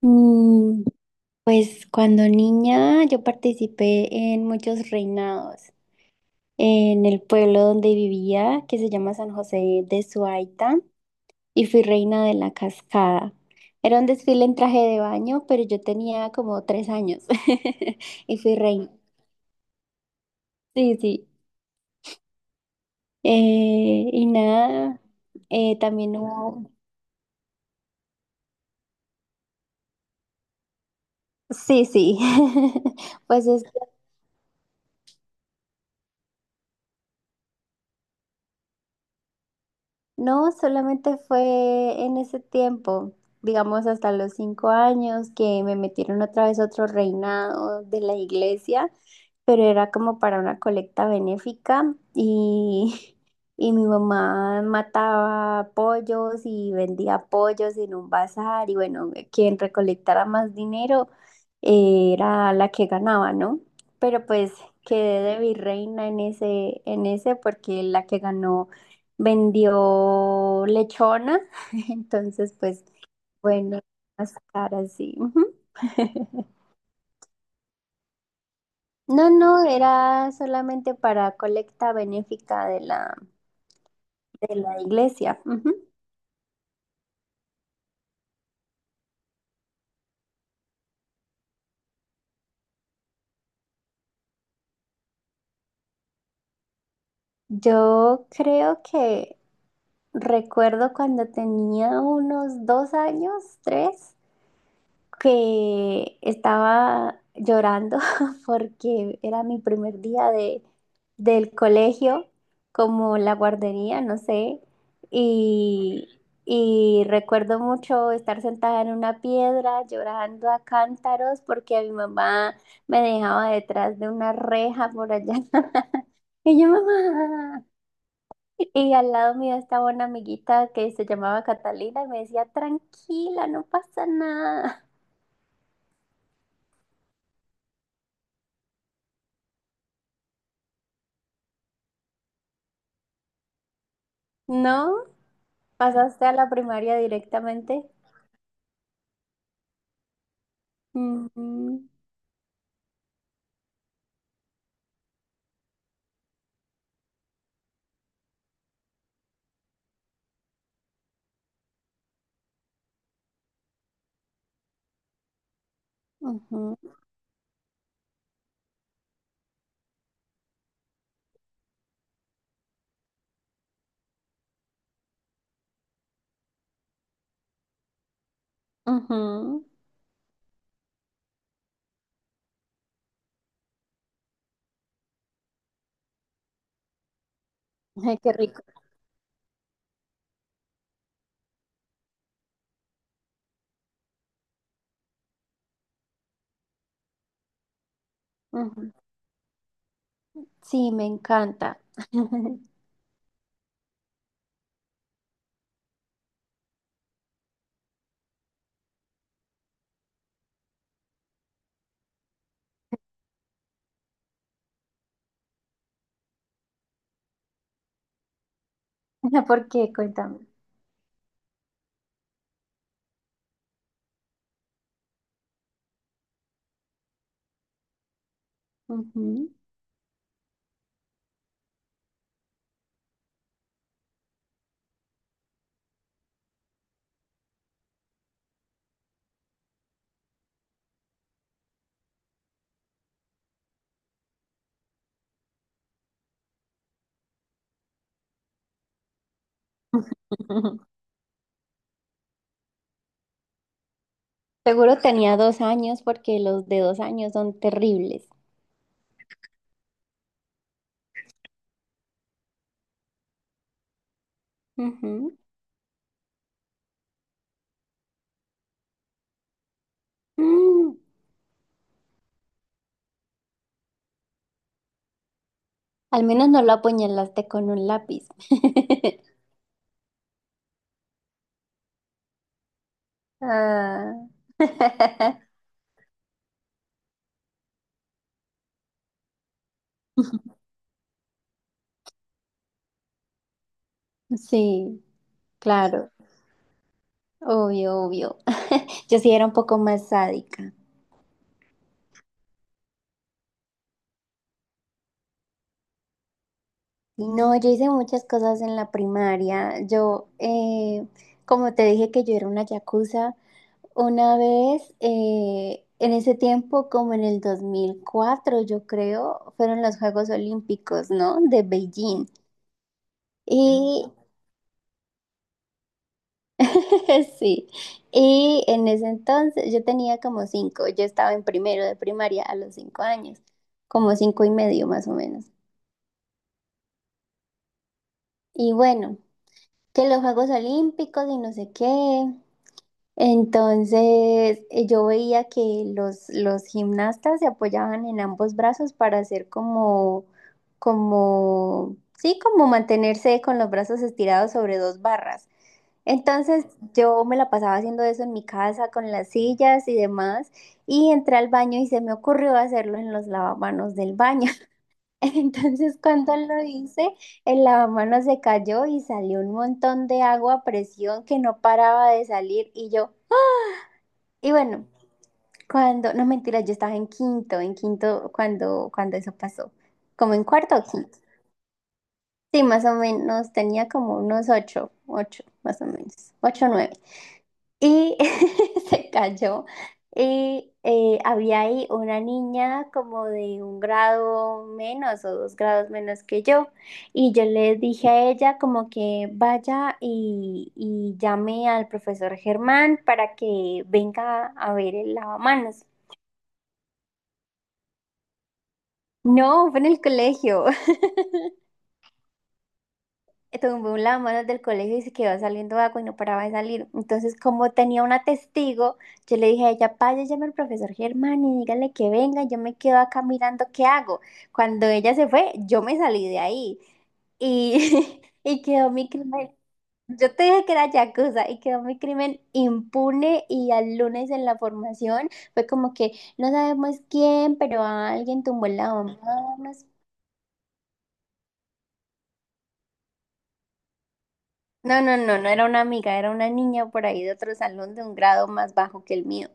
Mm, Pues cuando niña yo participé en muchos reinados en el pueblo donde vivía, que se llama San José de Suaita, y fui reina de la cascada. Era un desfile en traje de baño, pero yo tenía como 3 años y fui reina. Sí, sí. Y nada, también hubo... Sí, sí. Pues es. No, solamente fue en ese tiempo, digamos hasta los 5 años, que me metieron otra vez a otro reinado de la iglesia, pero era como para una colecta benéfica y, y mi mamá mataba pollos y vendía pollos en un bazar y bueno, quien recolectara más dinero era la que ganaba, ¿no? Pero pues quedé de virreina en ese porque la que ganó vendió lechona, entonces pues bueno, más caras, sí. Ujú. No, no, era solamente para colecta benéfica de la iglesia. Ujú. Yo creo que recuerdo cuando tenía unos 2 años, tres, que estaba llorando porque era mi primer día del colegio, como la guardería, no sé, y, y recuerdo mucho estar sentada en una piedra llorando a cántaros porque mi mamá me dejaba detrás de una reja por allá. Y yo, mamá. Y al lado mío estaba una amiguita que se llamaba Catalina y me decía, tranquila, no pasa nada. ¿No? ¿Pasaste a la primaria directamente? Ujú, ujú, ujú. Ay, qué rico. Ujú. Sí, me encanta. ¿Por qué? Cuéntame. Ujú. Seguro tenía 2 años porque los de dos años son terribles. Ujú. Mm. Al menos no lo apuñalaste con un lápiz. Ah. Sí, claro, obvio, obvio. Yo sí era un poco más sádica. Y no, yo hice muchas cosas en la primaria. Yo, como te dije que yo era una yakuza, una vez, en ese tiempo, como en el 2004, yo creo, fueron los Juegos Olímpicos, ¿no? De Beijing. Y sí, y en ese entonces yo tenía como cinco, yo estaba en primero de primaria a los 5 años, como cinco y medio más o menos. Y bueno, que los Juegos Olímpicos y no sé qué. Entonces, yo veía que los gimnastas se apoyaban en ambos brazos para hacer como, como, sí, como mantenerse con los brazos estirados sobre dos barras. Entonces, yo me la pasaba haciendo eso en mi casa con las sillas y demás, y entré al baño y se me ocurrió hacerlo en los lavamanos del baño. Entonces, cuando lo hice, el lavamanos se cayó y salió un montón de agua a presión que no paraba de salir y yo... Y bueno, cuando, no mentira, yo estaba en quinto cuando, cuando eso pasó, como en cuarto o quinto. Sí, más o menos, tenía como unos ocho, ocho, más o menos, ocho, nueve. Y se cayó. Y había ahí una niña como de un grado menos o dos grados menos que yo. Y yo le dije a ella como que vaya y llame al profesor Germán para que venga a ver el lavamanos. No, fue en el colegio. Tomé un lavamanos del colegio y se quedó saliendo agua y no paraba de salir. Entonces, como tenía una testigo, yo le dije a ella, vaya, llame al profesor Germán y dígale que venga, yo me quedo acá mirando qué hago. Cuando ella se fue, yo me salí de ahí y, y quedó mi crimen. Yo te dije que era yakuza y quedó mi crimen impune y al lunes en la formación fue como que no sabemos quién, pero alguien tumbó el lavamanos. No, no, no, no era una amiga, era una niña por ahí de otro salón de un grado más bajo que el mío.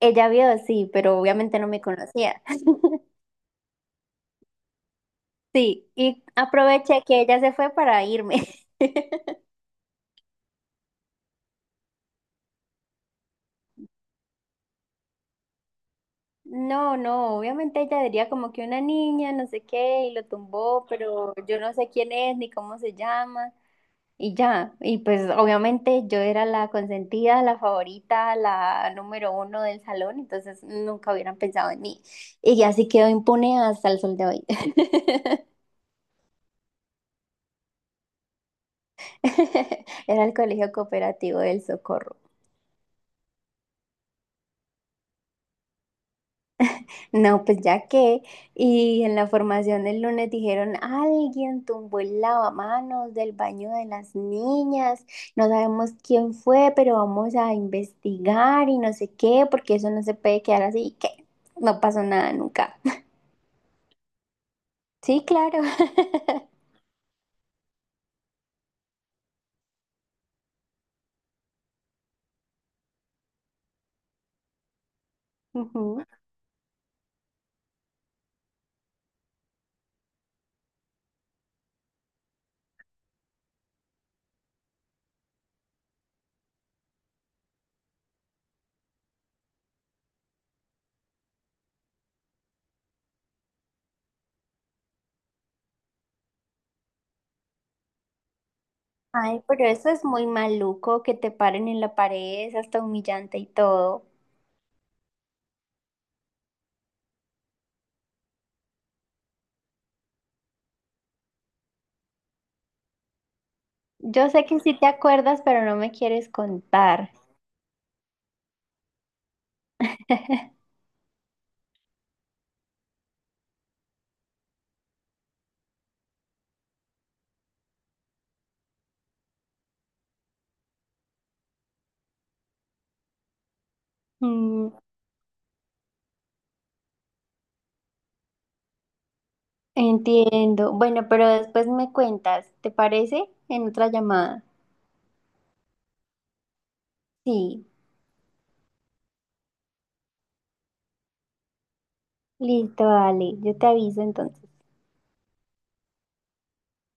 Ella vio, sí, pero obviamente no me conocía. Sí, y aproveché que ella se fue para irme. No, no, obviamente ella diría como que una niña, no sé qué, y lo tumbó, pero yo no sé quién es ni cómo se llama. Y ya, y pues obviamente yo era la consentida, la favorita, la número uno del salón, entonces nunca hubieran pensado en mí. Y así quedó impune hasta el sol de hoy. Era el colegio cooperativo del Socorro. No, pues ya que, y en la formación del lunes dijeron, alguien tumbó el lavamanos del baño de las niñas, no sabemos quién fue, pero vamos a investigar y no sé qué, porque eso no se puede quedar así, que no pasó nada nunca. Sí, claro. Ujú. Ay, pero eso es muy maluco, que te paren en la pared, es hasta humillante y todo. Yo sé que sí te acuerdas, pero no me quieres contar. Mm. Entiendo. Bueno, pero después me cuentas, ¿te parece? En otra llamada. Sí, listo, dale. Yo te aviso entonces.